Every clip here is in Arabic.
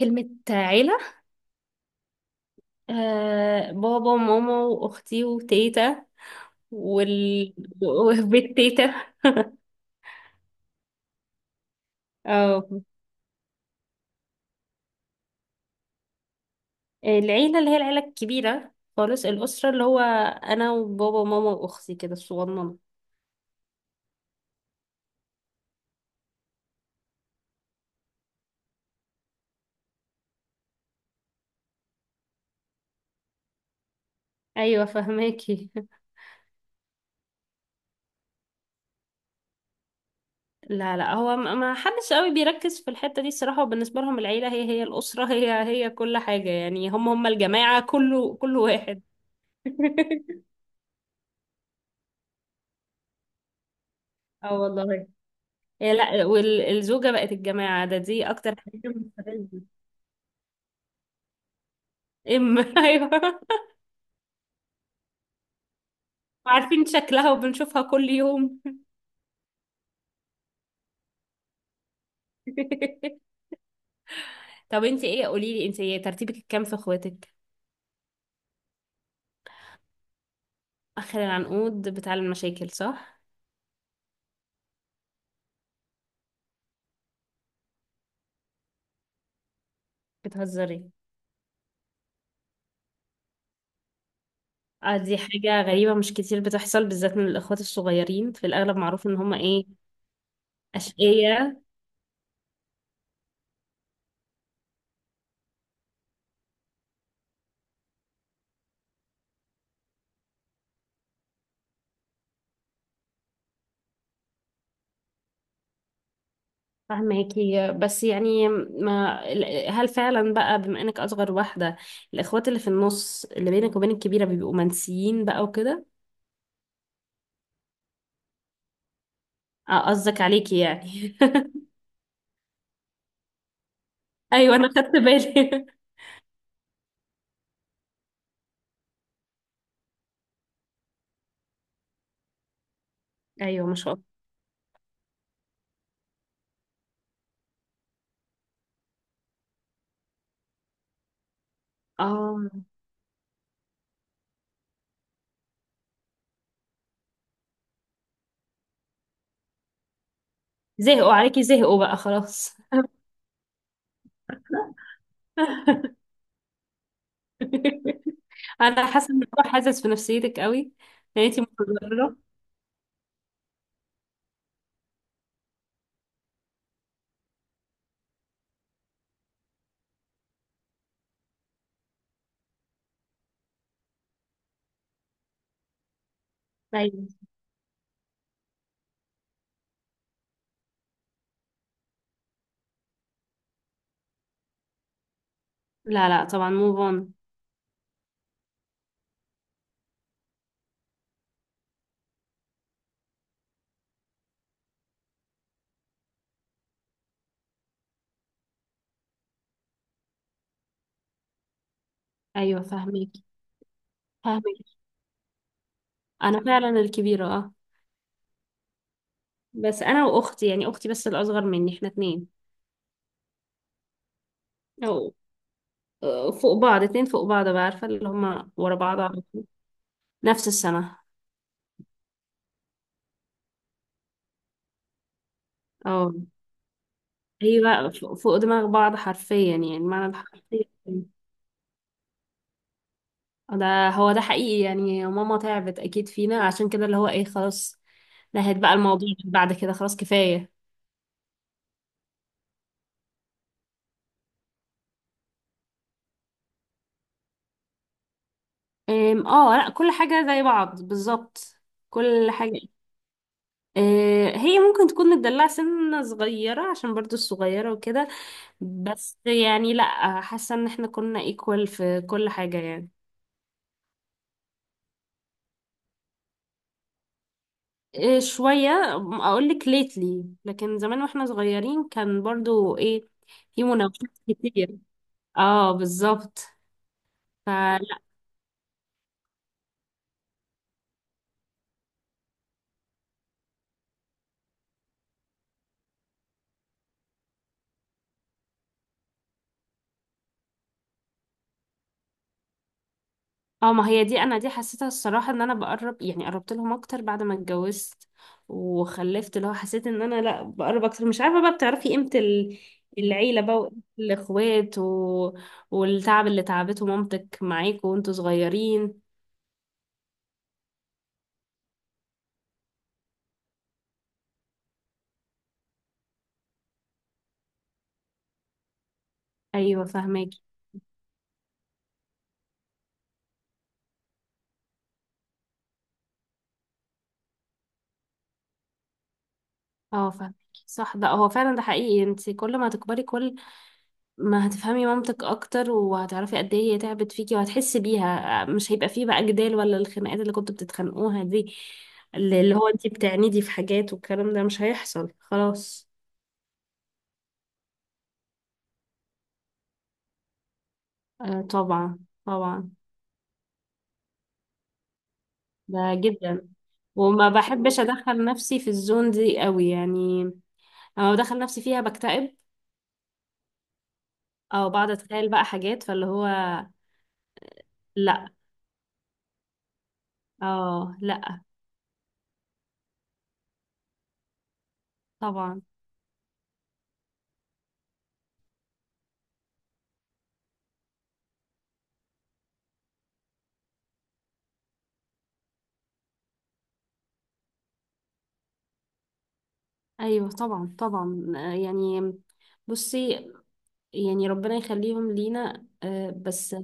كلمة عيلة. آه، بابا وماما وأختي وتيتا وال... وبيت تيتا. اه، العيلة اللي هي العيلة الكبيرة خالص، الأسرة اللي هو أنا وبابا وماما وأختي كده الصغننة. أيوة، فهماكي. لا لا، هو ما حدش قوي بيركز في الحتة دي الصراحة، وبالنسبة لهم العيلة هي هي الأسرة، هي هي كل حاجة، يعني هم هم الجماعة كله كل واحد. اه والله. إيه لا، والزوجة بقت الجماعة، ده دي أكتر حاجة مستفزة. ام، ايوه. عارفين شكلها وبنشوفها كل يوم. طب انت ايه، قولي لي انت إيه، ترتيبك الكام في اخواتك؟ اخر العنقود بتاع المشاكل، صح؟ بتهزري؟ اه، دي حاجة غريبة، مش كتير بتحصل، بالذات من الاخوات الصغيرين، في الاغلب معروف ان هما ايه، اشقية. فهماكي، بس يعني ما، هل فعلا بقى بما انك اصغر واحدة، الاخوات اللي في النص اللي بينك وبين الكبيرة بيبقوا منسيين بقى وكده؟ اه، قصدك عليكي يعني. ايوه انا خدت بالي. ايوه ما شاء الله. اه، زهقوا عليكي، زهقوا بقى خلاص. انا حاسه ان الموضوع حاسس في نفسيتك قوي. يعني انتي متضرره؟ ايوه. لا لا طبعا، موف اون. ايوه فاهميكي. فاهميكي. انا فعلا الكبيره، اه. بس انا واختي، يعني اختي بس الاصغر مني، احنا اتنين. أو آه، فوق بعض، اتنين فوق بعض بقى، عارفه اللي هما ورا بعض على طول. نفس السنه. اه، هي بقى فوق فوق دماغ بعض حرفيا، يعني معنى الحرفي. ده هو ده حقيقي، يعني ماما تعبت اكيد فينا، عشان كده اللي هو ايه، خلاص نهت بقى الموضوع بعد كده، خلاص كفاية. اه لا، كل حاجة زي بعض بالظبط، كل حاجة. أه، هي ممكن تكون متدلعة سنة صغيرة، عشان برضو الصغيرة وكده، بس يعني لا، حاسة ان احنا كنا ايكوال في كل حاجة يعني. أه، شوية. اقولك ليتلي، لكن زمان واحنا صغيرين كان برضو ايه، في مناوشات كتير. اه بالظبط. اه، ما هي دي، انا دي حسيتها الصراحه ان انا بقرب، يعني قربت لهم اكتر بعد ما اتجوزت وخلفت، اللي هو حسيت ان انا لا بقرب اكتر، مش عارفه بقى، بتعرفي قيمه العيله بقى وقيمة الاخوات والتعب اللي تعبته مامتك معاكوا وانتوا صغيرين. ايوه فاهماكي. اه فاهماكي. صح، ده هو فعلا ده حقيقي، انت كل ما تكبري كل ما هتفهمي مامتك اكتر، وهتعرفي قد ايه هي تعبت فيكي، وهتحسي بيها، مش هيبقى فيه بقى جدال ولا الخناقات اللي كنتوا بتتخانقوها دي، اللي هو انتي بتعنيدي في حاجات والكلام ده، مش هيحصل خلاص. آه طبعا طبعا. ده جدا. وما بحبش ادخل نفسي في الزون دي قوي يعني، لما بدخل نفسي فيها بكتئب، او بقعد اتخيل بقى حاجات فاللي هو. لا، اه لا. طبعا. ايوه طبعا طبعا، آه، يعني، بصي، يعني ربنا يخليهم لينا آه، بس.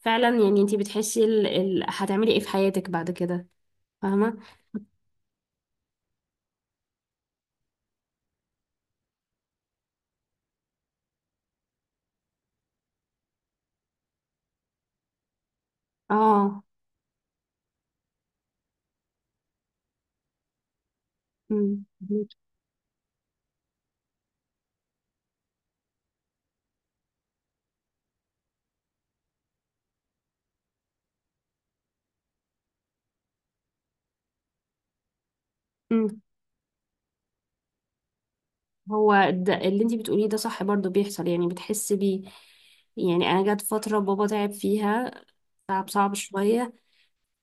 فعلا يعني انتي بتحسي هتعملي ايه في حياتك بعد كده، فاهمة؟ اه. أمم. أمم. هو ده اللي انتي بتقوليه، ده صح، برضو بيحصل يعني، بتحسي بيه. يعني انا جت فترة بابا تعب فيها، تعب صعب شوية،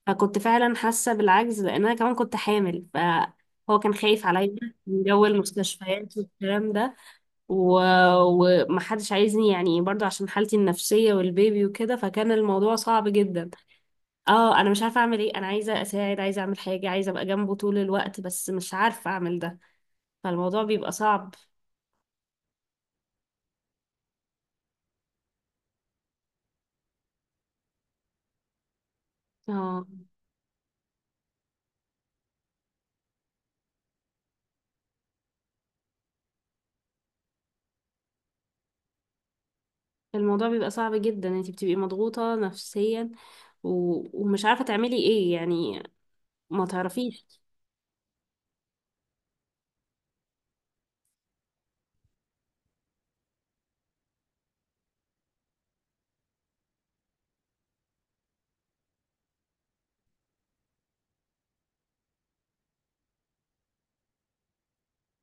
فكنت فعلا حاسة بالعجز، لان انا كمان كنت حامل، فهو كان خايف عليا من جو المستشفيات والكلام ده، و... ومحدش عايزني يعني، برضو عشان حالتي النفسية والبيبي وكده، فكان الموضوع صعب جدا. اه، انا مش عارفة اعمل ايه، انا عايزة اساعد، عايزة اعمل حاجة، عايزة ابقى جنبه طول الوقت، بس مش عارفة اعمل ده، فالموضوع بيبقى صعب. اه الموضوع بيبقى صعب جدا، انتي بتبقي مضغوطة نفسيا و... ومش عارفة تعملي ايه يعني. ما تعرفيش.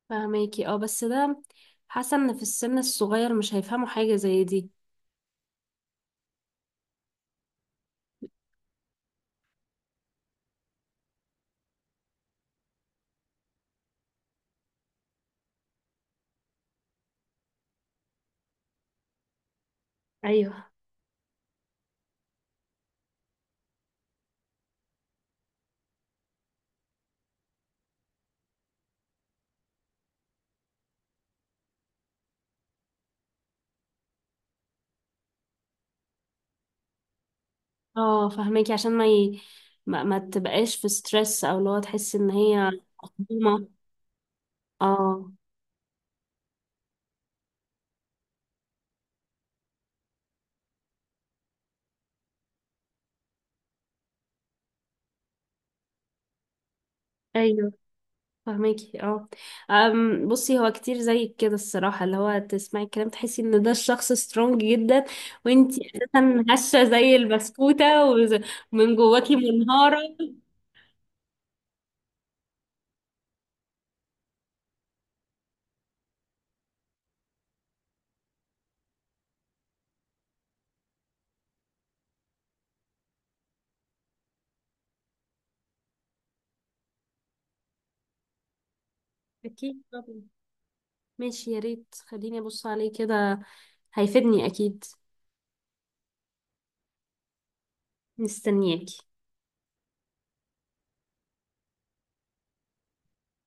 فهماكي اه، بس ده، حاسة ان في السن الصغير مش هيفهموا حاجة زي دي. ايوه. اه فهماكي، عشان ما تبقاش في ستريس، او لو تحسي ان هي ضغمة. اه ايوه فهماكي اه. بصي، هو كتير زي كده الصراحة، اللي هو تسمعي الكلام تحسي ان ده الشخص سترونج جدا، وانتي اساسا هشة زي البسكوتة ومن جواكي منهارة. اكيد طبعا. ماشي، يا ريت خليني ابص عليه كده، هيفيدني اكيد. مستنياكي.